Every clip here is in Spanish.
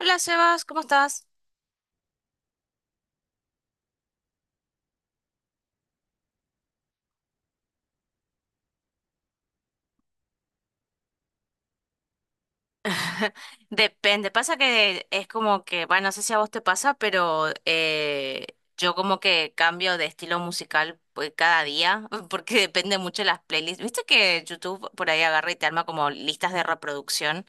Hola Sebas, ¿cómo estás? Depende, pasa que es como que, bueno, no sé si a vos te pasa, pero yo como que cambio de estilo musical pues, cada día, porque depende mucho de las playlists. ¿Viste que YouTube por ahí agarra y te arma como listas de reproducción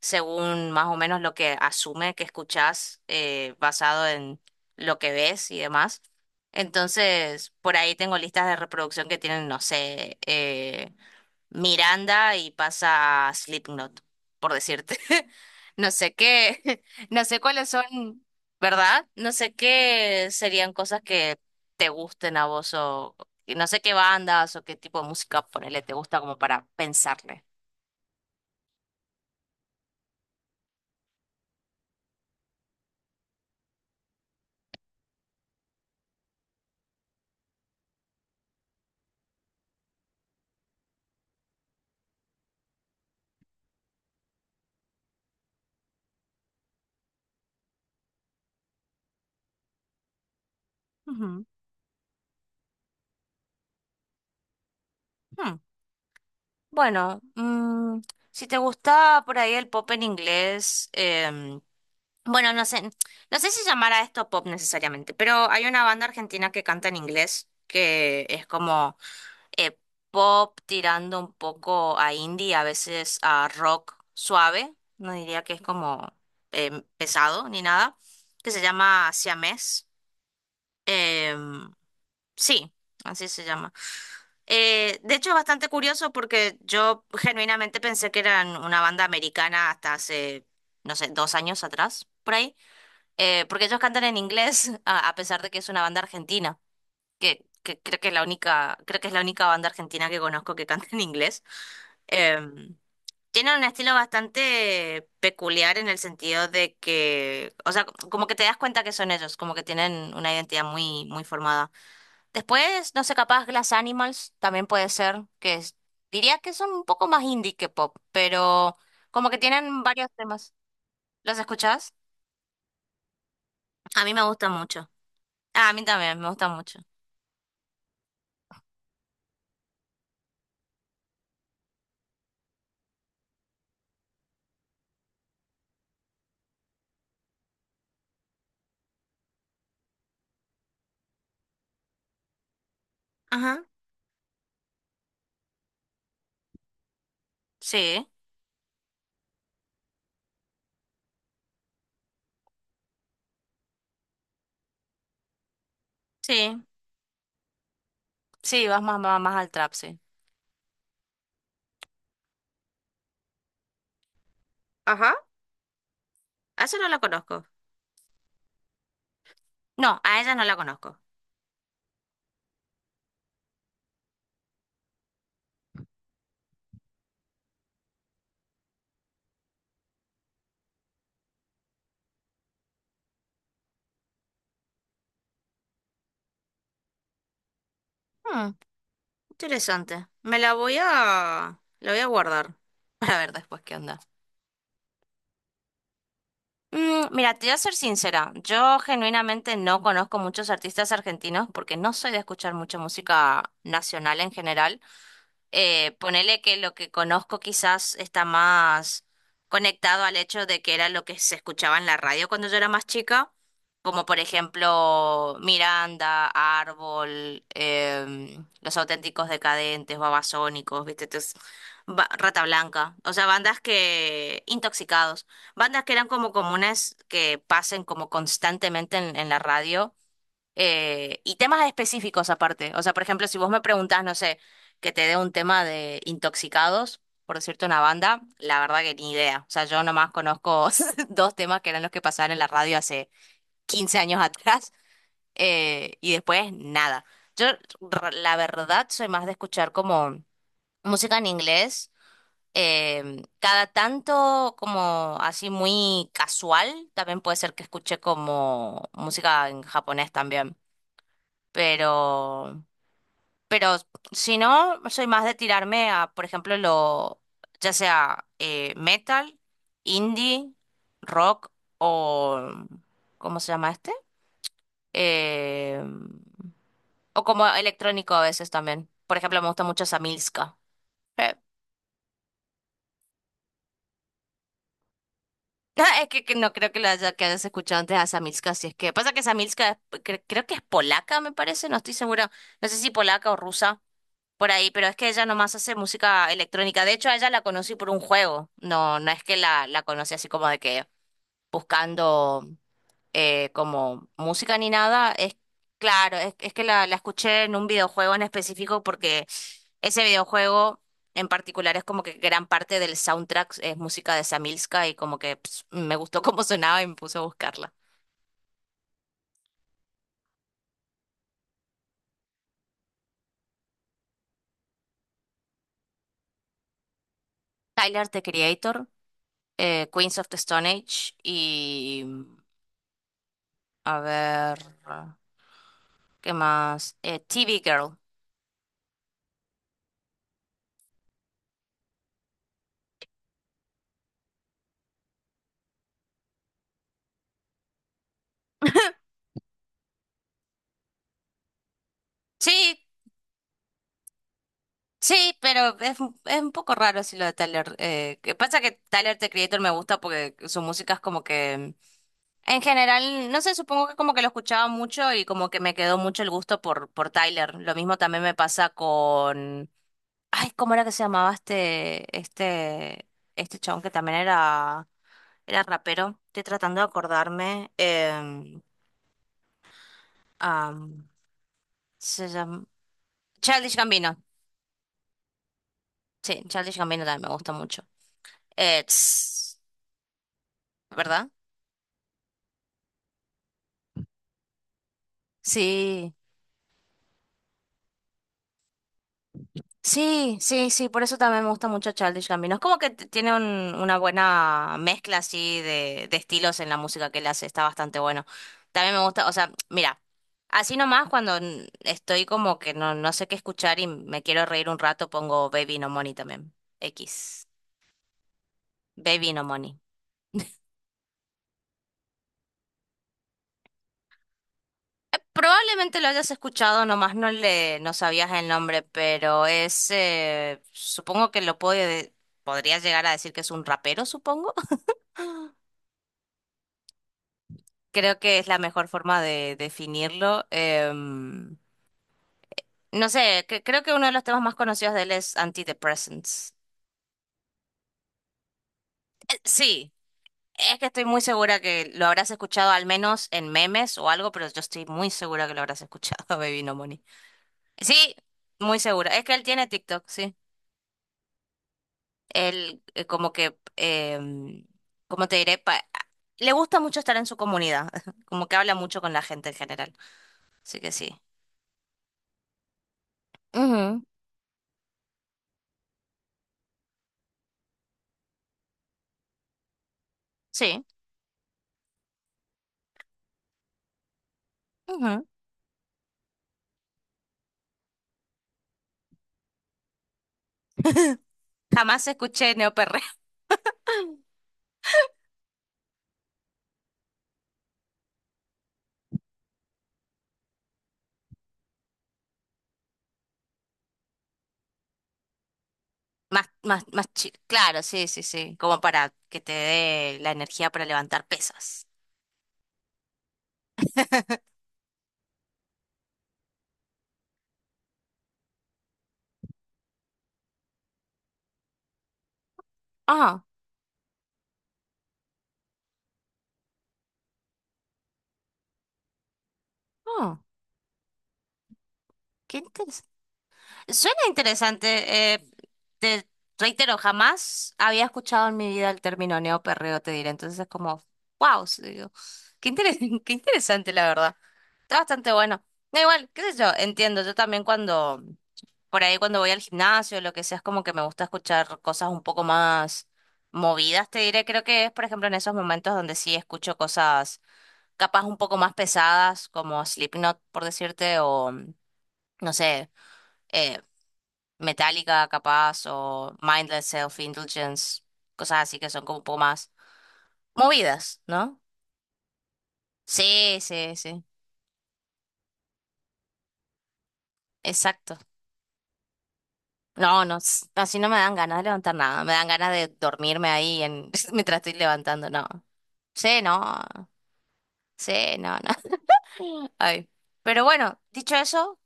según más o menos lo que asume que escuchás basado en lo que ves y demás? Entonces, por ahí tengo listas de reproducción que tienen, no sé, Miranda y pasa Slipknot, por decirte. No sé qué, no sé cuáles son, ¿verdad? No sé qué serían cosas que te gusten a vos o y no sé qué bandas o qué tipo de música ponele te gusta como para pensarle. Ujú. Hmm. Bueno, si te gusta por ahí el pop en inglés, bueno, no sé, no sé si llamar a esto pop necesariamente, pero hay una banda argentina que canta en inglés que es como eh, pop tirando un poco a indie, a veces a rock suave, no diría que es como pesado ni nada, que se llama Siamés. Em, sí, así se llama. De hecho, es bastante curioso porque yo genuinamente pensé que eran una banda americana hasta hace, no sé, 2 años atrás, por ahí. Porque ellos cantan en inglés, a pesar de que es una banda argentina que creo que es la única, creo que es la única banda argentina que conozco que canta en inglés. Em, tiene un estilo bastante peculiar en el sentido de que, o sea, como que te das cuenta que son ellos, como que tienen una identidad muy, muy formada. Después, no sé, capaz Glass Animals también puede ser, diría que son un poco más indie que pop, pero como que tienen varios temas. ¿Los escuchás? A mí me gusta mucho. Ah, a mí también, me gusta mucho. Ajá. Sí, sí. Sí, vas más, más, más al trap, sí. Ajá, a esa no la conozco. No, a ella no la conozco. Hmm, Interesante. Me la voy a... La voy a guardar para ver después qué onda. Mira, te voy a ser sincera. Yo genuinamente no conozco muchos artistas argentinos porque no soy de escuchar mucha música nacional en general. Ponele que lo que conozco quizás está más conectado al hecho de que era lo que se escuchaba en la radio cuando yo era más chica, como por ejemplo Miranda, Árbol, Los Auténticos Decadentes, Babasónicos, ¿viste? Entonces, Rata Blanca, o sea, bandas que, intoxicados, bandas que eran como comunes que pasen como constantemente en, la radio y temas específicos aparte. O sea, por ejemplo, si vos me preguntás, no sé, que te dé un tema de intoxicados, por decirte una banda, la verdad que ni idea. O sea, yo nomás conozco dos temas que eran los que pasaban en la radio hace 15 años atrás, y después nada. Yo, la verdad, soy más de escuchar como música en inglés. Cada tanto como así muy casual, también puede ser que escuche como música en japonés también. Pero, pero, si no, soy más de tirarme a, por ejemplo, lo, ya sea metal, indie, rock o, ¿cómo se llama este? Eh, o como electrónico a veces también. Por ejemplo, me gusta mucho Samilska. Eh, Es que no creo que, lo haya, que hayas escuchado antes a Samilska, si es que pasa que Samilska creo que es polaca, me parece, no estoy segura, no sé si polaca o rusa. Por ahí, pero es que ella nomás hace música electrónica. De hecho, a ella la conocí por un juego. No, no es que la conocí así como de que buscando como música ni nada. Es claro, es que la escuché en un videojuego en específico porque ese videojuego en particular es como que gran parte del soundtrack es música de Samilska y como que me gustó cómo sonaba y me puse a buscarla. Tyler, The Creator, Queens of the Stone Age y a ver. ¿Qué más? TV Girl. Sí, sí, pero es un poco raro si lo de Tyler. Que pasa que Tyler, The Creator, me gusta porque su música es como que... En general, no sé, supongo que como que lo escuchaba mucho y como que me quedó mucho el gusto por, Tyler. Lo mismo también me pasa con... Ay, ¿cómo era que se llamaba este chabón que también era rapero? Estoy tratando de acordarme. Am, se llama... Childish Gambino. Sí, Childish Gambino también me gusta mucho. It's, ¿verdad? Sí, sí, sí, sí, por eso también me gusta mucho Childish Gambino. Es como que tiene una buena mezcla así de estilos en la música que él hace, está bastante bueno. También me gusta, o sea, mira, así nomás cuando estoy como que no, no sé qué escuchar y me quiero reír un rato, pongo Baby No Money también. X. Baby No Money. Probablemente lo hayas escuchado, nomás no le, no sabías el nombre, pero es, supongo que lo puede, podrías llegar a decir que es un rapero, supongo. Creo que es la mejor forma de definirlo. No sé, creo que uno de los temas más conocidos de él es Antidepressants. Sí, es que estoy muy segura que lo habrás escuchado al menos en memes o algo, pero yo estoy muy segura que lo habrás escuchado, Baby No Money. Sí, muy segura. Es que él tiene TikTok, sí. Él como que, como te diré? Le gusta mucho estar en su comunidad, como que habla mucho con la gente en general. Así que sí. Ujú. Sí. Ujú. Jamás escuché neoperreo. Claro, sí, sí, sí. Como para que te dé la energía para levantar pesas. Ah, ah, qué. Suena interesante. Te reitero, jamás había escuchado en mi vida el término neoperreo, te diré. Entonces es como, wow, digo, qué interes- qué interesante, la verdad. Está bastante bueno. Da igual, qué sé yo, entiendo. Yo también cuando, por ahí cuando voy al gimnasio, o lo que sea, es como que me gusta escuchar cosas un poco más movidas, te diré. Creo que es, por ejemplo, en esos momentos donde sí escucho cosas capaz un poco más pesadas, como Slipknot, por decirte, o no sé. eh, Metallica, capaz, o Mindless Self-Indulgence, cosas así que son como un poco más movidas, ¿no? Sí, sí, sí, exacto. No, no, así no me dan ganas de levantar nada, me dan ganas de dormirme ahí en, mientras estoy levantando, no. Sí, no, sí, no, no. Ay. Pero bueno, dicho eso,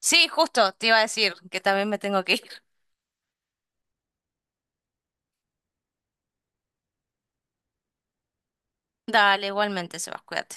sí, justo, te iba a decir que también me tengo que ir. Dale, igualmente, Sebas, cuídate.